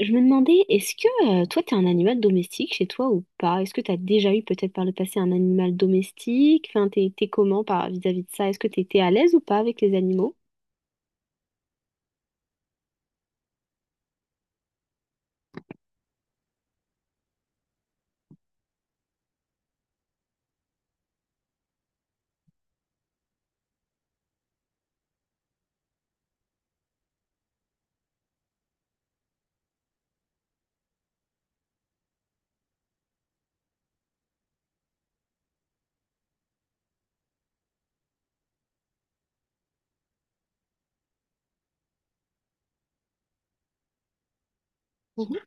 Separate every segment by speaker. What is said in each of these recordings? Speaker 1: Je me demandais, est-ce que toi, t'es un animal domestique chez toi ou pas? Est-ce que t'as déjà eu peut-être par le passé un animal domestique? Enfin, t'es comment vis-à-vis de ça? Est-ce que t'étais à l'aise ou pas avec les animaux? Mhm.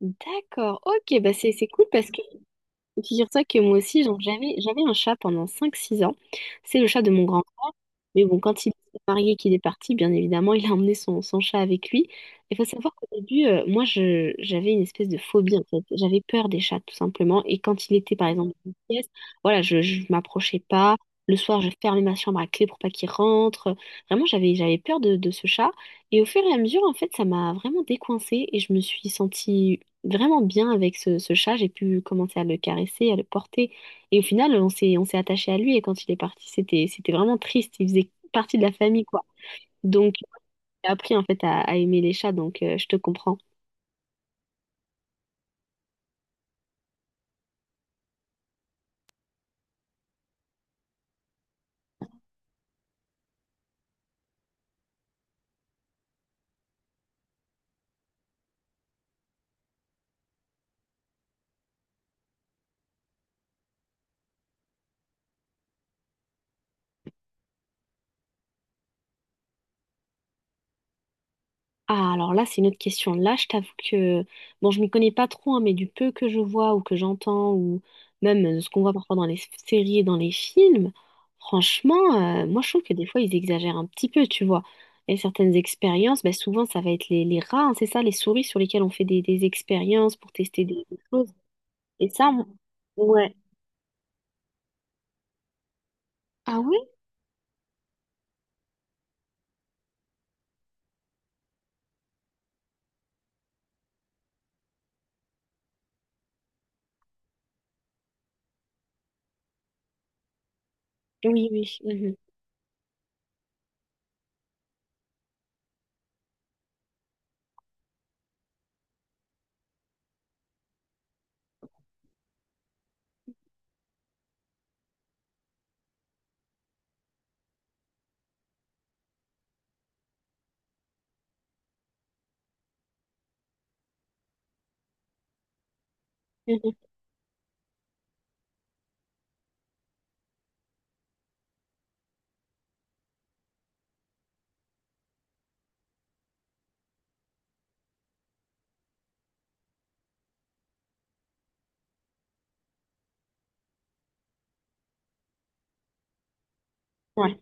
Speaker 1: D'accord, ok, bah c'est cool parce Figure-toi que moi aussi, genre, j'avais un chat pendant cinq six ans. C'est le chat de mon grand frère. Mais bon, quand il s'est marié, qu'il est parti, bien évidemment, il a emmené son chat avec lui. Il faut savoir qu'au début, moi, j'avais une espèce de phobie, en fait. J'avais peur des chats, tout simplement. Et quand il était, par exemple, dans une pièce, voilà, je ne m'approchais pas. Le soir, je fermais ma chambre à clé pour pas qu'il rentre. Vraiment, j'avais peur de ce chat. Et au fur et à mesure, en fait, ça m'a vraiment décoincée et je me suis sentie vraiment bien avec ce chat. J'ai pu commencer à le caresser, à le porter. Et au final, on s'est attaché à lui. Et quand il est parti, c'était vraiment triste. Il faisait partie de la famille, quoi. Donc, j'ai appris en fait à aimer les chats. Donc, je te comprends. Ah, alors là, c'est une autre question. Là, je t'avoue que, bon, je m'y connais pas trop, hein, mais du peu que je vois ou que j'entends, ou même ce qu'on voit parfois dans les séries et dans les films, franchement, moi, je trouve que des fois, ils exagèrent un petit peu, tu vois. Et certaines expériences, ben, souvent, ça va être les rats, hein, c'est ça, les souris sur lesquelles on fait des expériences pour tester des choses. Et ça, ouais. Ah oui? Oui, oui. Mhm. Mhm. Ouais.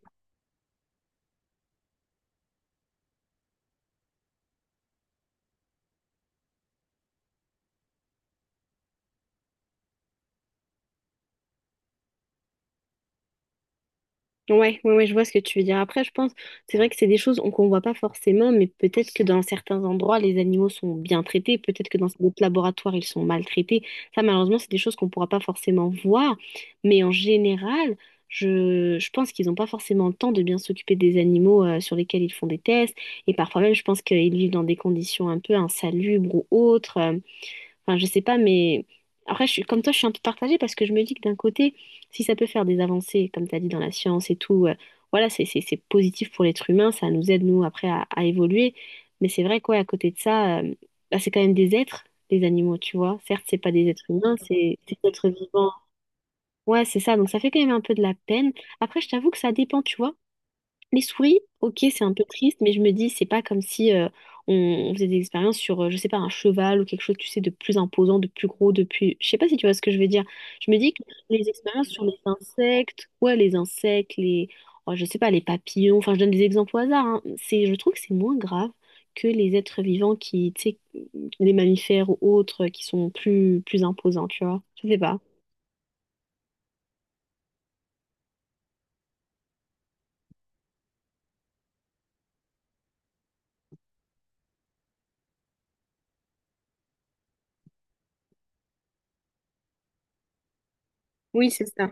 Speaker 1: Ouais, ouais, ouais, je vois ce que tu veux dire. Après, je pense, c'est vrai que c'est des choses qu'on voit pas forcément, mais peut-être que dans certains endroits, les animaux sont bien traités, peut-être que dans d'autres laboratoires, ils sont maltraités. Ça, malheureusement, c'est des choses qu'on pourra pas forcément voir, mais en général, je pense qu'ils n'ont pas forcément le temps de bien s'occuper des animaux sur lesquels ils font des tests, et parfois même, je pense qu'ils vivent dans des conditions un peu insalubres ou autres. Enfin, je sais pas, mais après, je suis, comme toi, je suis un peu partagée parce que je me dis que d'un côté, si ça peut faire des avancées, comme tu as dit, dans la science et tout, voilà, c'est positif pour l'être humain, ça nous aide, nous, après, à évoluer. Mais c'est vrai quoi, à côté de ça, bah, c'est quand même des êtres, les animaux, tu vois. Certes, c'est pas des êtres humains, c'est des êtres vivants. Ouais, c'est ça, donc ça fait quand même un peu de la peine. Après, je t'avoue que ça dépend, tu vois. Les souris, ok, c'est un peu triste, mais je me dis, c'est pas comme si on faisait des expériences sur, je sais pas, un cheval ou quelque chose, tu sais, de plus imposant, de plus gros, Je sais pas si tu vois ce que je veux dire. Je me dis que les expériences sur les insectes, ouais, les insectes, oh, je sais pas, les papillons, enfin, je donne des exemples au hasard, hein. C'est, je trouve que c'est moins grave que les êtres vivants qui, tu sais, les mammifères ou autres, qui sont plus imposants, tu vois. Je sais pas. Oui, c'est ça.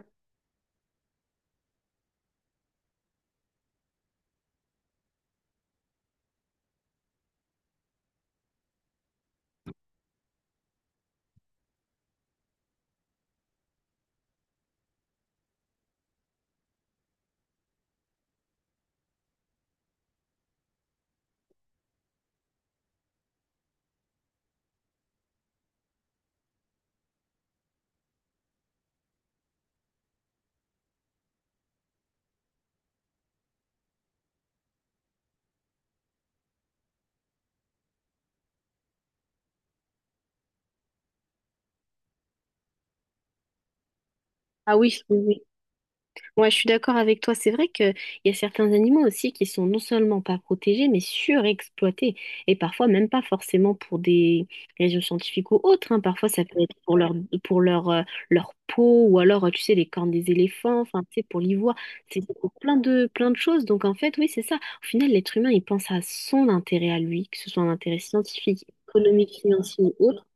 Speaker 1: Ah oui, oui. Ouais, je suis d'accord avec toi. C'est vrai qu'il y a certains animaux aussi qui sont non seulement pas protégés, mais surexploités. Et parfois, même pas forcément pour des raisons scientifiques ou autres, hein. Parfois, ça peut être pour leur, euh, leur peau ou alors, tu sais, les cornes des éléphants, enfin, tu sais, pour l'ivoire. C'est pour plein de choses. Donc, en fait, oui, c'est ça. Au final, l'être humain, il pense à son intérêt à lui, que ce soit un intérêt scientifique, économique, financier ou autre.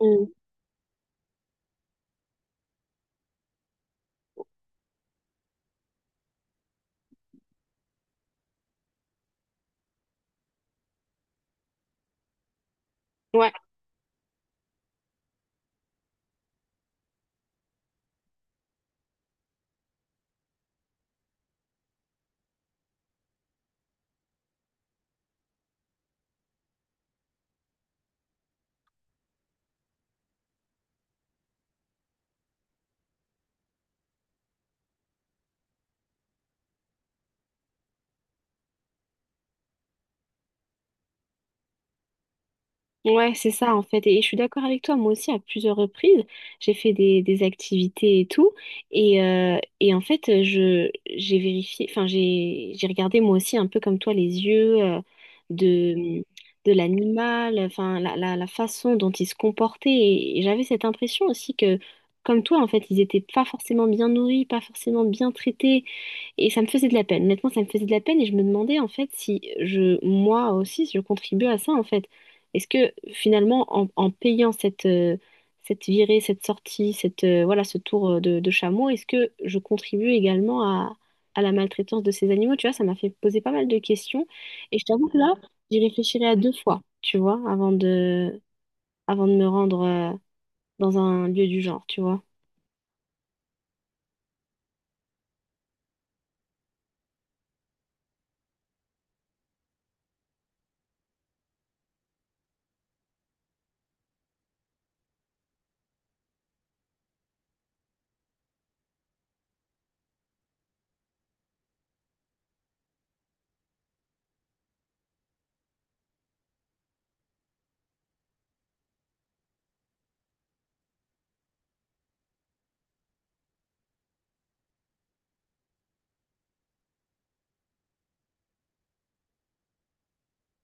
Speaker 1: Mm. Ouais. Ouais, c'est ça en fait. Et je suis d'accord avec toi, moi aussi, à plusieurs reprises, j'ai fait des activités et tout. Et en fait, j'ai vérifié, enfin, j'ai regardé moi aussi un peu comme toi les yeux de, de l'animal, enfin, la façon dont il se comportait. Et j'avais cette impression aussi que, comme toi, en fait, ils étaient pas forcément bien nourris, pas forcément bien traités. Et ça me faisait de la peine. Honnêtement, ça me faisait de la peine et je me demandais en fait si je, moi aussi, si je contribue à ça en fait. Est-ce que finalement, en payant cette virée, cette sortie, voilà, ce tour de chameau, est-ce que je contribue également à la maltraitance de ces animaux? Tu vois, ça m'a fait poser pas mal de questions et je t'avoue que là, j'y réfléchirai à deux fois, tu vois, avant de me rendre dans un lieu du genre, tu vois.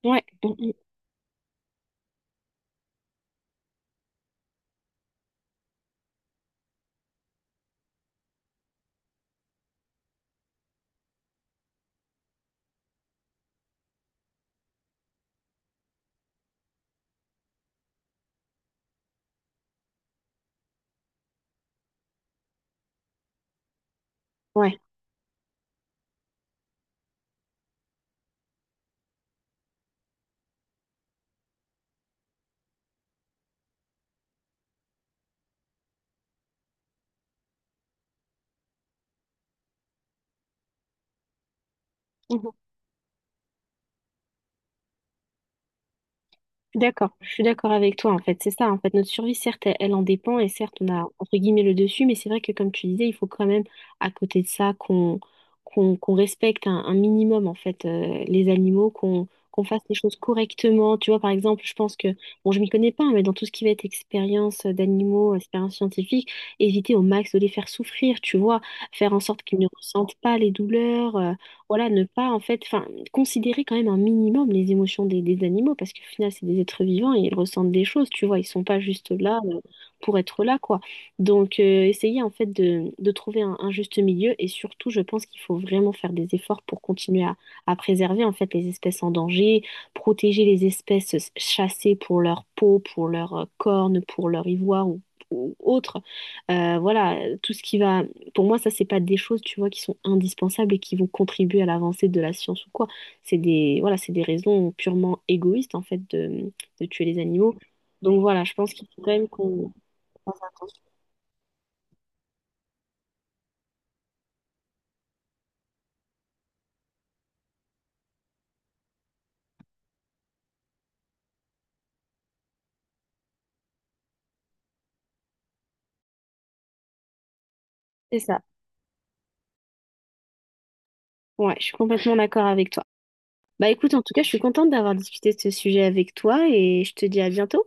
Speaker 1: Ouais, mm, mm, ouais. Je suis d'accord, je suis d'accord avec toi en fait, c'est ça en fait, notre survie, certes, elle en dépend, et certes on a entre guillemets le dessus, mais c'est vrai que comme tu disais, il faut quand même, à côté de ça, qu'on respecte un minimum en fait, les animaux, qu'on fasse les choses correctement, tu vois. Par exemple, je pense que, bon, je m'y connais pas, mais dans tout ce qui va être expérience d'animaux, expérience scientifique, éviter au max de les faire souffrir, tu vois, faire en sorte qu'ils ne ressentent pas les douleurs, voilà, ne pas en fait, enfin, considérer quand même un minimum les émotions des animaux, parce qu'au final, c'est des êtres vivants et ils ressentent des choses, tu vois, ils sont pas juste là pour être là, quoi. Donc, essayer en fait de trouver un juste milieu, et surtout, je pense qu'il faut vraiment faire des efforts pour continuer à préserver en fait les espèces en danger, protéger les espèces chassées pour leur peau, pour leurs cornes, pour leur ivoire ou autre. Voilà, tout ce qui va pour moi, ça, c'est pas des choses, tu vois, qui sont indispensables et qui vont contribuer à l'avancée de la science ou quoi. C'est des, voilà, c'est des raisons purement égoïstes, en fait, de tuer les animaux. Donc voilà, je pense qu'il faut quand même qu'on fasse attention. C'est ça. Ouais, je suis complètement d'accord avec toi. Bah écoute, en tout cas, je suis contente d'avoir discuté de ce sujet avec toi et je te dis à bientôt.